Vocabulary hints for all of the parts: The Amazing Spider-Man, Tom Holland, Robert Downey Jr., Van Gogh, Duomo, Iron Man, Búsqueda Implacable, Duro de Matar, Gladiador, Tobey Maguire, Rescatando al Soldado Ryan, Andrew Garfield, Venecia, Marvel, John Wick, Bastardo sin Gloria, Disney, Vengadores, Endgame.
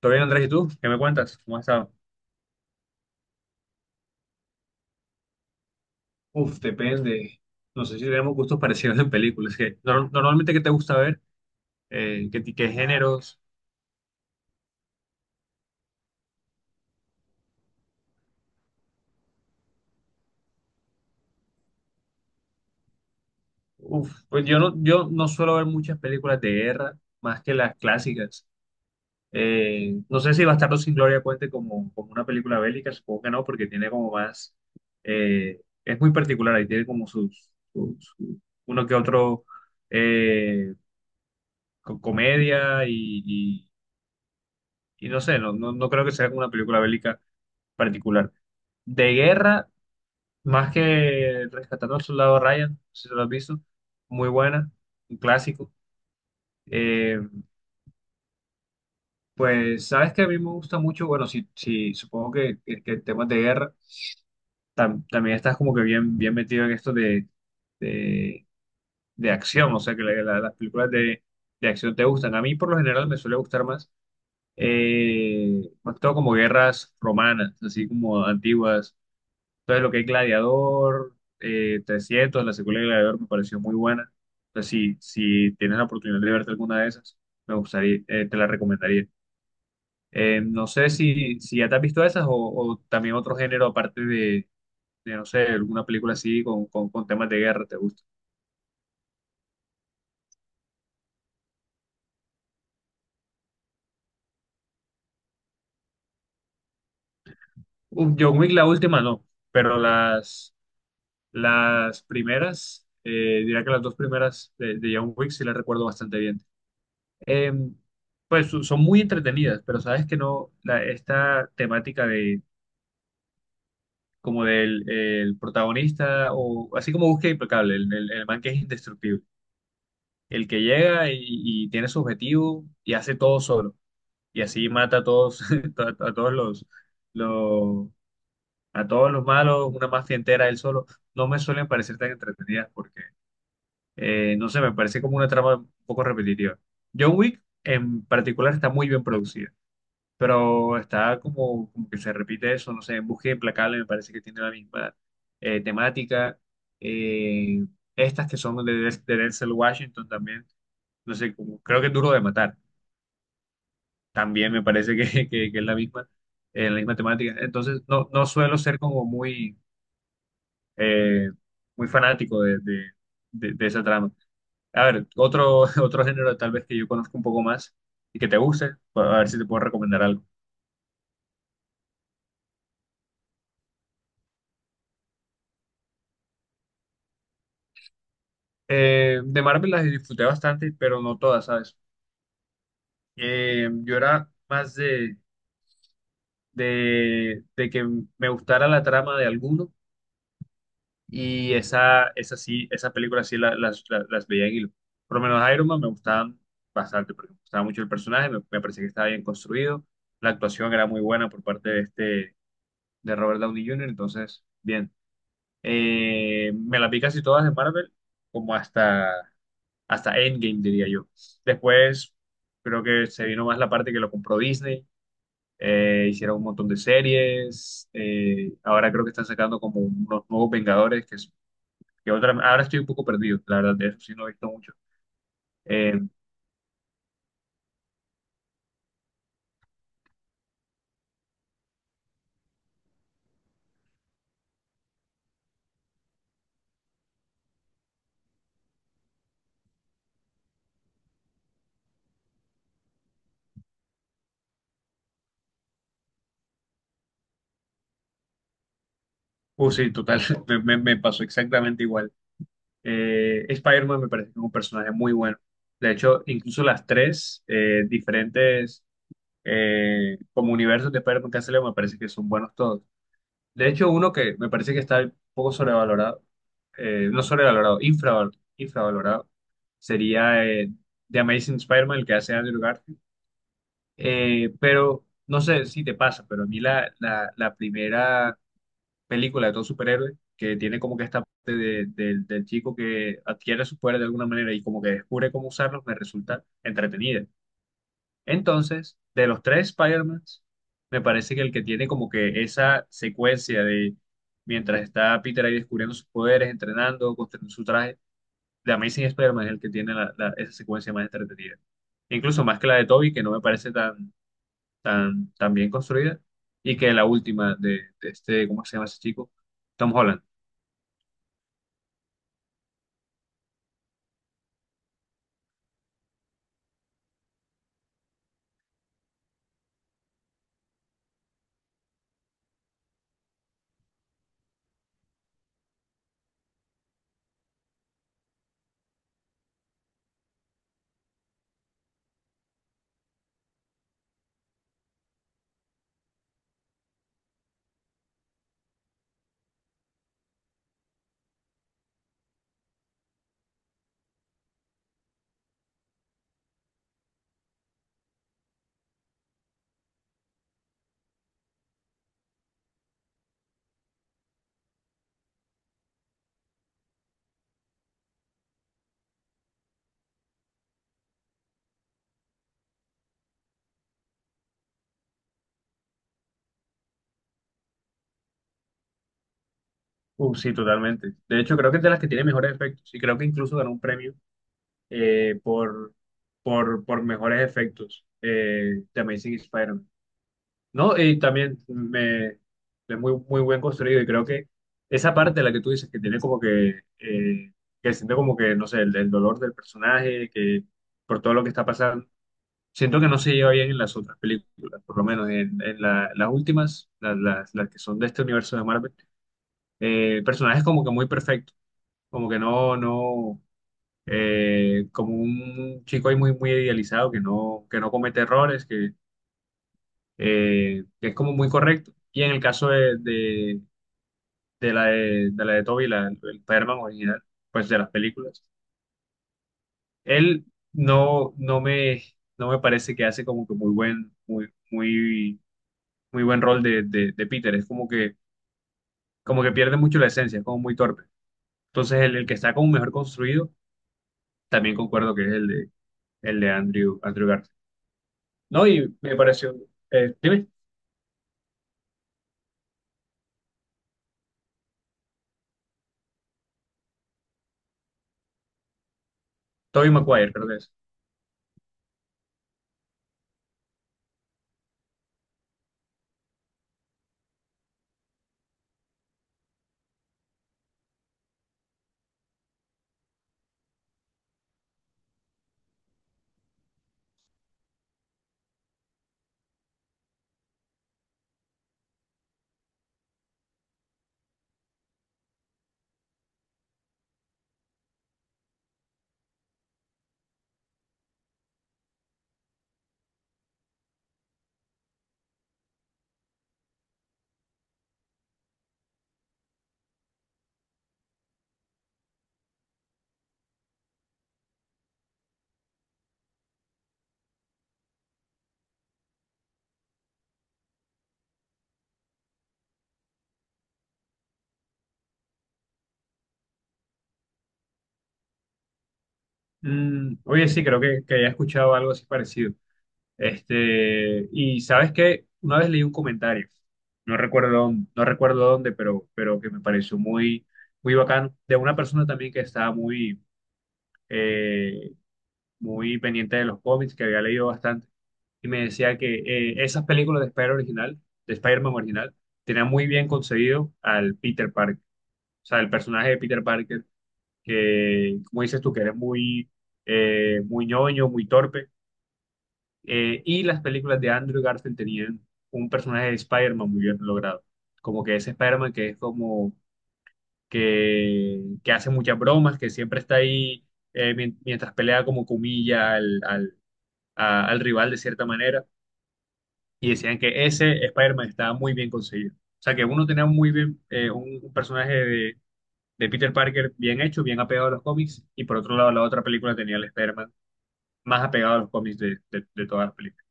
¿Todo bien, Andrés? ¿Y tú? ¿Qué me cuentas? ¿Cómo has estado? Uf, depende. No sé si tenemos gustos parecidos en películas. Que nor- normalmente, ¿qué te gusta ver? ¿ qué géneros? Uf, pues yo no suelo ver muchas películas de guerra, más que las clásicas. No sé si Bastardo sin Gloria cuente como una película bélica, supongo que no, porque tiene como más... es muy particular, ahí tiene como uno que otro eh, comedia y no sé, no creo que sea una película bélica particular. De guerra, más que Rescatando al Soldado Ryan, no sé si lo has visto, muy buena, un clásico. Eh, pues sabes que a mí me gusta mucho, bueno, si supongo que temas de guerra, también estás como que bien metido en esto de, de acción, o sea que las películas de acción te gustan. A mí por lo general me suele gustar más, más que todo como guerras romanas, así como antiguas. Entonces, lo que es Gladiador, 300, la secuela de Gladiador me pareció muy buena. Entonces, si, si tienes la oportunidad de verte alguna de esas, me gustaría, te la recomendaría. No sé si, si ya te has visto esas o también otro género aparte no sé, alguna película así con temas de guerra, ¿te gusta? Uf, John Wick, la última no, pero las primeras, diría que las dos primeras de John Wick sí las recuerdo bastante bien. Eh, Son muy entretenidas, pero sabes que no, la, esta temática de como del el protagonista, o así como Búsqueda Implacable, el man que es indestructible, el que llega y tiene su objetivo y hace todo solo, y así mata a todos, a todos los, los, a todos los malos, una mafia entera él solo, no me suelen parecer tan entretenidas porque, no sé, me parece como una trama un poco repetitiva. John Wick en particular está muy bien producida pero está como que se repite eso, no sé, en Búsqueda Implacable me parece que tiene la misma temática. Eh, estas que son de Denzel Washington también, no sé, como, creo que es Duro de Matar, también me parece que es la misma temática. Entonces, no suelo ser como muy, eh, muy fanático de esa trama. A ver, otro, otro género tal vez que yo conozco un poco más y que te guste, pues, a ver si te puedo recomendar algo. De Marvel las disfruté bastante, pero no todas, ¿sabes? Yo era más de que me gustara la trama de alguno y esa sí, esas películas sí las veía en hilo. Por lo menos Iron Man me gustaban bastante porque me gustaba mucho el personaje, me parecía que estaba bien construido, la actuación era muy buena por parte de este, de Robert Downey Jr., entonces, bien. Me la vi casi todas de Marvel, como hasta... hasta Endgame, diría yo. Después, creo que se vino más la parte que lo compró Disney. Hicieron un montón de series. Ahora creo que están sacando como unos nuevos Vengadores, que otra, ahora estoy un poco perdido, la verdad, de eso sí no he visto mucho. Eh, sí, total, me pasó exactamente igual. Spider-Man me parece que es un personaje muy bueno. De hecho, incluso las tres diferentes como universos de Spider-Man que han salido me parece que son buenos todos. De hecho, uno que me parece que está un poco sobrevalorado, no sobrevalorado, infravalorado, sería The Amazing Spider-Man, el que hace Andrew Garfield. Pero no sé si te pasa, pero a mí la primera película de todo superhéroe, que tiene como que esta parte del chico que adquiere sus poderes de alguna manera y como que descubre cómo usarlos, me resulta entretenida. Entonces, de los tres Spider-Mans, me parece que el que tiene como que esa secuencia de mientras está Peter ahí descubriendo sus poderes, entrenando, construyendo su traje, de Amazing Spider-Man es el que tiene esa secuencia más entretenida. Incluso más que la de Toby, que no me parece tan bien construida, y que la última de este, ¿cómo se llama ese chico? Tom Holland. Sí, totalmente. De hecho, creo que es de las que tiene mejores efectos, y creo que incluso ganó un premio eh, por, por, mejores efectos. The Amazing Spider-Man. No, y también es muy, muy buen construido y creo que esa parte de la que tú dices que tiene como que siente como que, no sé, el dolor del personaje, que por todo lo que está pasando, siento que no se lleva bien en las otras películas, por lo menos en las últimas, las que son de este universo de Marvel, el personaje es como que muy perfecto, como que no, no como un chico ahí muy, muy idealizado, que no comete errores, que es como muy correcto. Y en el caso de de la de Toby, la, el Spider-Man original, pues de las películas, él no, no me, no me parece que hace como que muy buen, muy buen rol de Peter. Es como que pierde mucho la esencia, es como muy torpe. Entonces, el que está como mejor construido, también concuerdo que es el de Andrew Garfield. ¿No? Y me pareció, dime, Tobey Maguire, creo que es. Mm, oye, sí, que he escuchado algo así parecido. Este, y sabes que una vez leí un comentario, no recuerdo dónde, pero que me pareció muy, muy bacán, de una persona también que estaba muy, eh, muy pendiente de los cómics, que había leído bastante, y me decía que esas películas de Spider original, de Spider-Man original, tenían muy bien concebido al Peter Parker. O sea, el personaje de Peter Parker que, como dices tú, que eres muy, muy ñoño, muy torpe. Y las películas de Andrew Garfield tenían un personaje de Spider-Man muy bien logrado. Como que ese Spider-Man que es como que hace muchas bromas, que siempre está ahí mientras pelea como comilla al rival de cierta manera. Y decían que ese Spider-Man estaba muy bien conseguido. O sea, que uno tenía muy bien un personaje de Peter Parker bien hecho, bien apegado a los cómics, y por otro lado la otra película tenía el spider más apegado a los cómics de todas las películas.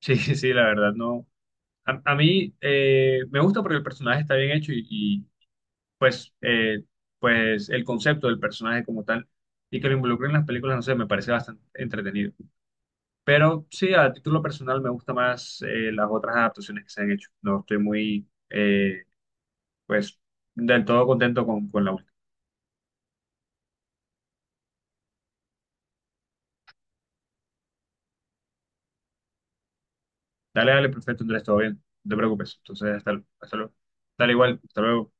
Sí, sí, la verdad, no. A mí me gusta porque el personaje está bien hecho y, pues, pues el concepto del personaje como tal y que lo involucren en las películas, no sé, me parece bastante entretenido. Pero sí, a título personal me gusta más las otras adaptaciones que se han hecho. No estoy muy, pues, del todo contento con la última. Dale, dale, perfecto, Andrés, todo bien. No te preocupes. Entonces, hasta luego. Dale igual, hasta luego.